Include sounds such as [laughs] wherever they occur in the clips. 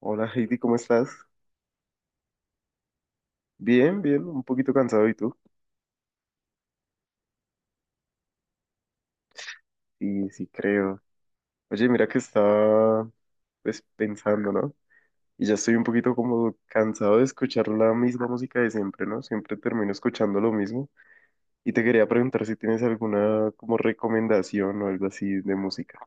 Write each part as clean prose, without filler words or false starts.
Hola Heidi, ¿cómo estás? Bien, bien, un poquito cansado, ¿y tú? Sí, sí, creo. Oye, mira que estaba pues pensando, ¿no? Y ya estoy un poquito como cansado de escuchar la misma música de siempre, ¿no? Siempre termino escuchando lo mismo. Y te quería preguntar si tienes alguna como recomendación o algo así de música.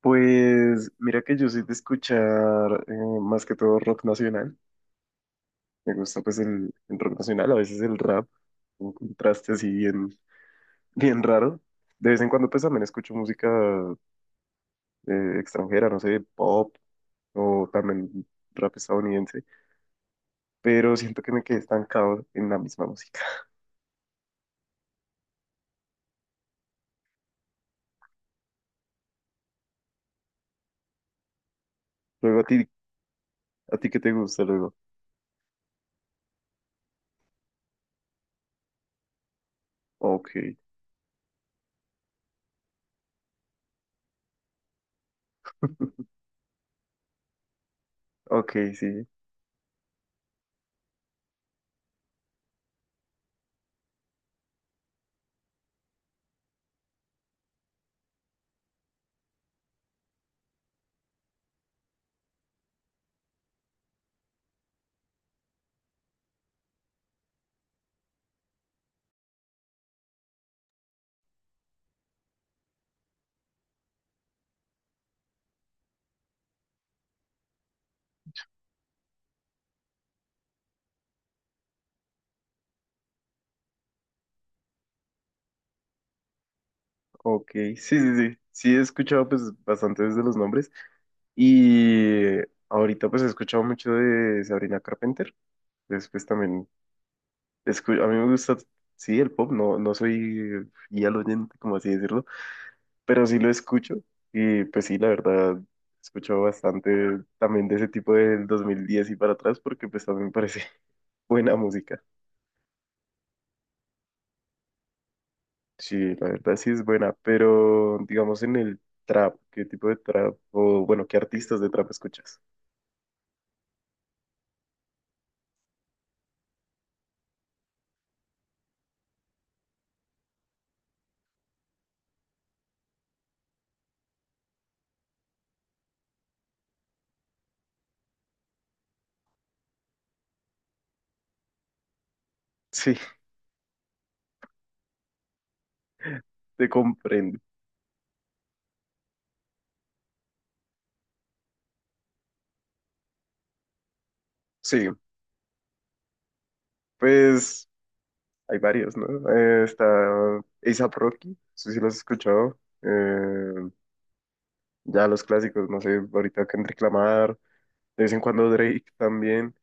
Pues mira que yo soy de escuchar más que todo rock nacional. Me gusta pues el rock nacional, a veces el rap, un contraste así bien, bien raro. De vez en cuando pues también escucho música extranjera, no sé, pop o también rap estadounidense, pero siento que me quedé estancado en la misma música. [laughs] Luego a ti, ¿A ti qué te gusta luego? Ok, ok, sí, ok, sí, sí, sí. Sí he escuchado pues bastantes de los nombres y ahorita pues he escuchado mucho de Sabrina Carpenter. Después también a mí me gusta, sí, el pop, no, no soy fiel oyente, como así decirlo, pero sí lo escucho, y pues sí, la verdad, escucho bastante también de ese tipo del 2010 y para atrás porque pues también me parece [laughs] buena música. Sí, la verdad sí es buena, pero digamos en el trap, ¿qué tipo de trap o bueno, qué artistas de trap escuchas? [laughs] Sí, te comprendo. Sí, pues hay varios, ¿no? Está A$AP Rocky, no sé si lo has escuchado. Ya los clásicos, no sé, ahorita Kendrick Lamar, de vez en cuando Drake también.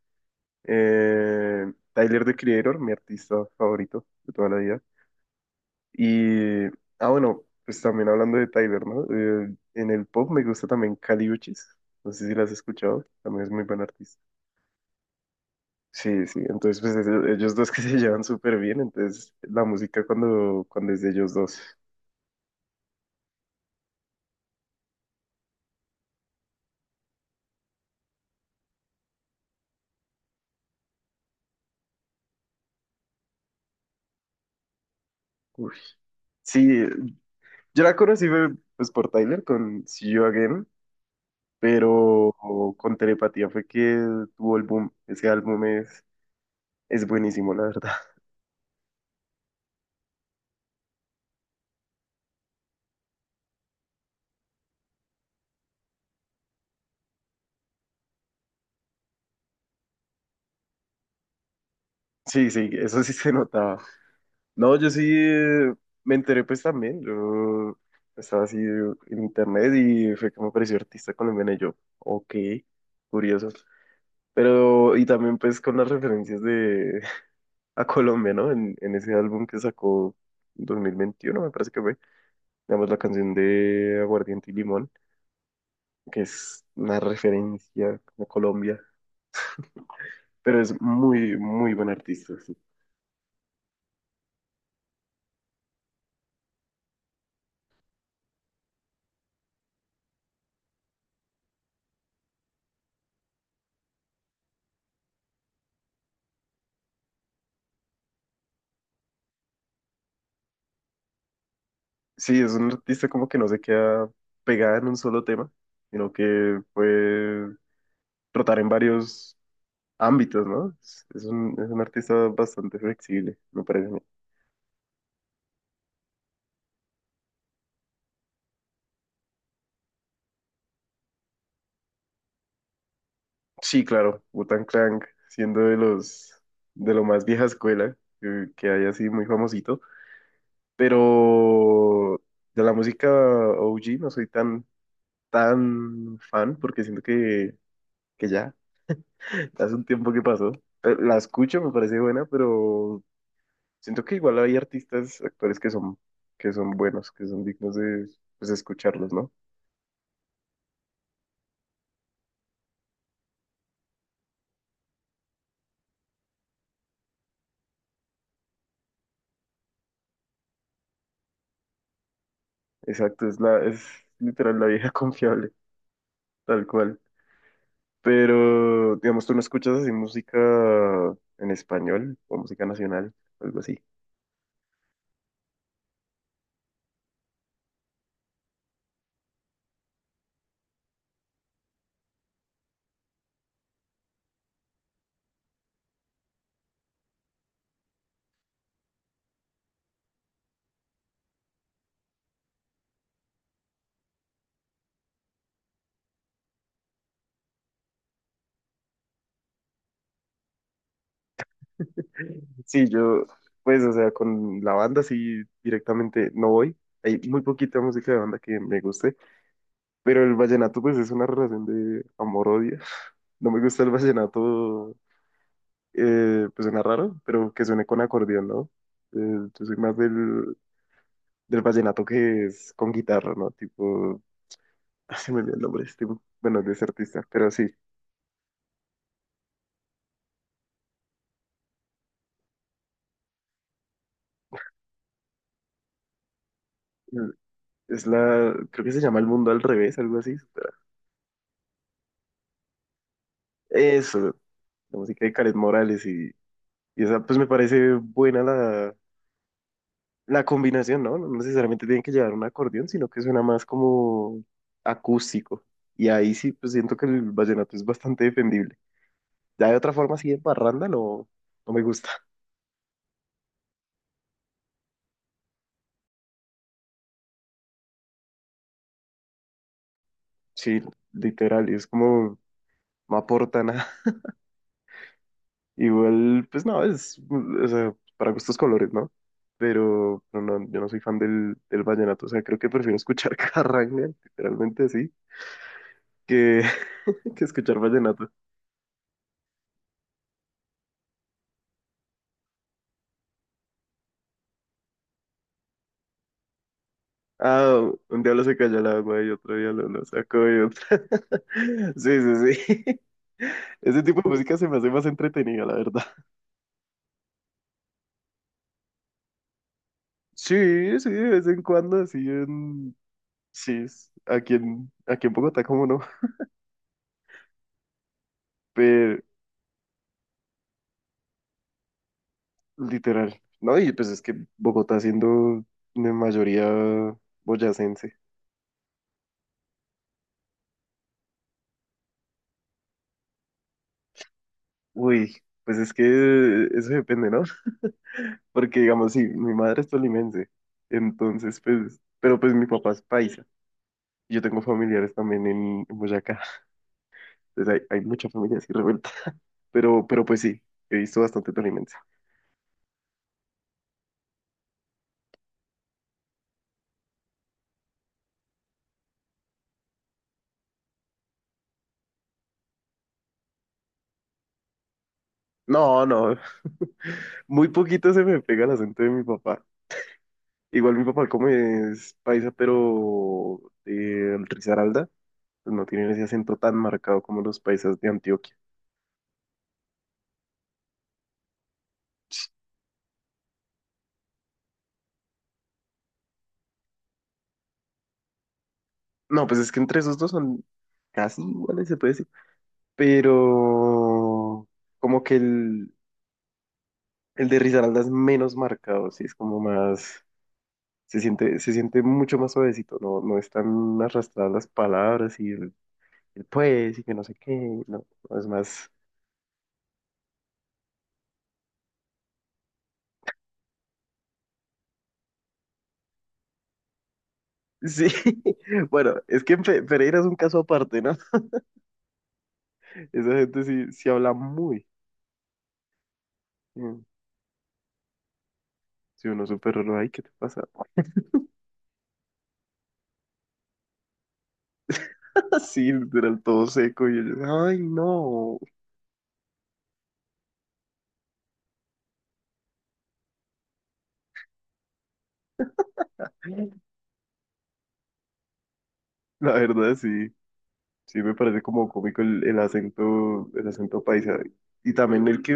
Tyler, The Creator, mi artista favorito de toda la vida. Y, ah, bueno, pues también hablando de Tyler, ¿no? En el pop me gusta también Kali Uchis. No sé si la has escuchado, también es muy buen artista. Sí, sí, entonces pues ellos dos que [laughs] se llevan súper bien, entonces la música cuando es de ellos dos. Uy. Sí, yo la conocí fue pues por Tyler con See You Again, pero con Telepatía fue que tuvo el boom. Ese álbum es buenísimo, la verdad. Sí, sí, eso sí se notaba. No, yo sí me enteré pues también, yo estaba así en internet y fue que me apareció artista colombiano y yo, ok, curioso. Pero, y también pues con las referencias de [laughs] a Colombia, ¿no? En ese álbum que sacó en 2021 me parece que fue, digamos la canción de Aguardiente y Limón, que es una referencia a Colombia, pero es muy, muy buen artista, sí. Sí, es un artista como que no se queda pegada en un solo tema, sino que puede trotar en varios ámbitos, ¿no? Es un artista bastante flexible, me parece a mí. Sí, claro, wu Clank, siendo de los, de lo más vieja escuela que hay, así muy famosito, pero de la música OG no soy tan tan fan porque siento que ya [laughs] hace un tiempo que pasó. La escucho, me parece buena, pero siento que igual hay artistas, actores que son, buenos, que son dignos de, pues, escucharlos, ¿no? Exacto, es literal la vieja [laughs] confiable, tal cual. Pero, digamos, tú no escuchas así música en español o música nacional, algo así. Sí, yo, pues, o sea, con la banda sí, directamente no voy. Hay muy poquita música de banda que me guste, pero el vallenato pues es una relación de amor-odio. [laughs] No me gusta el vallenato, pues suena raro, pero que suene con acordeón, ¿no? Eh, yo soy más del vallenato que es con guitarra, ¿no? Tipo, [laughs] se me olvidó el nombre de este, bueno, de ese artista, pero sí, creo que se llama El Mundo al Revés, algo así. Espera. Eso, la música de Karen Morales, y esa, pues me parece buena la combinación, ¿no? No necesariamente tienen que llevar un acordeón, sino que suena más como acústico. Y ahí sí, pues siento que el vallenato es bastante defendible. Ya de otra forma así de parranda no, no me gusta. [laughs] Sí, literal, y es como no aporta nada. [laughs] Igual, pues no, es, o sea, para gustos, colores, ¿no? Pero no, yo no soy fan del vallenato, o sea, creo que prefiero escuchar [laughs] carranga, literalmente así, que, [laughs] que escuchar vallenato. Ah, un diablo se calla el agua y otro día lo saco y otro. [laughs] Sí, sí, sí. [laughs] Ese tipo de música se me hace más entretenida, la verdad. [laughs] Sí, sí, de vez en cuando, así en... Sí, es aquí en Bogotá, cómo no, pero literal, ¿no? Y pues es que Bogotá, siendo de mayoría boyacense. Uy, pues es que eso depende, ¿no? Porque digamos, sí, mi madre es tolimense, entonces pues, pero pues mi papá es paisa. Yo tengo familiares también en Boyacá, entonces hay mucha familia así revuelta, [laughs] pero pues sí, he visto bastante tolimense. No, no, muy poquito se me pega el acento de mi papá. Igual mi papá, como es paisa, pero de Risaralda, pues no tienen ese acento tan marcado como los paisas de Antioquia. No, pues es que entre esos dos son casi iguales, se puede decir. Pero como que el, de Risaralda es menos marcado, sí, es como más, se siente mucho más suavecito, no, no están arrastradas las palabras, y el pues y que no sé qué, no, no es más... Sí, [laughs] bueno, es que Pereira es un caso aparte, ¿no? Esa gente sí, sí habla muy bien. Si uno, súper raro, ay, ¿qué te pasa? [laughs] Sí, literal, todo seco. Y ellos, ay, no. La verdad, sí. Sí, me parece como cómico el acento paisa. Y también el que,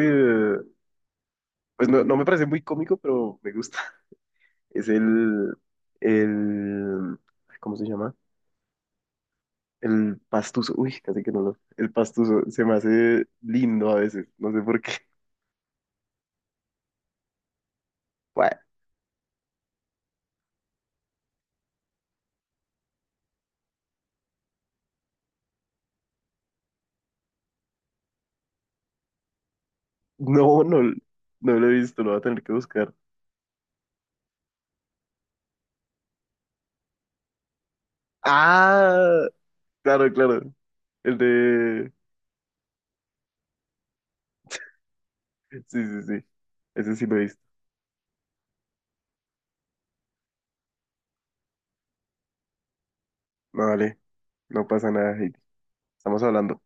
pues no, no me parece muy cómico, pero me gusta. [laughs] Es el, ¿cómo se llama? El pastuso. Uy, casi que no lo. El pastuso se me hace lindo a veces. No sé por qué. [laughs] Bueno, no, no, no lo he visto, lo voy a tener que buscar. Ah, claro, claro. El de... [laughs] Sí, sí, sí. Ese sí lo he visto. No, vale. No pasa nada, Heidi. Estamos hablando.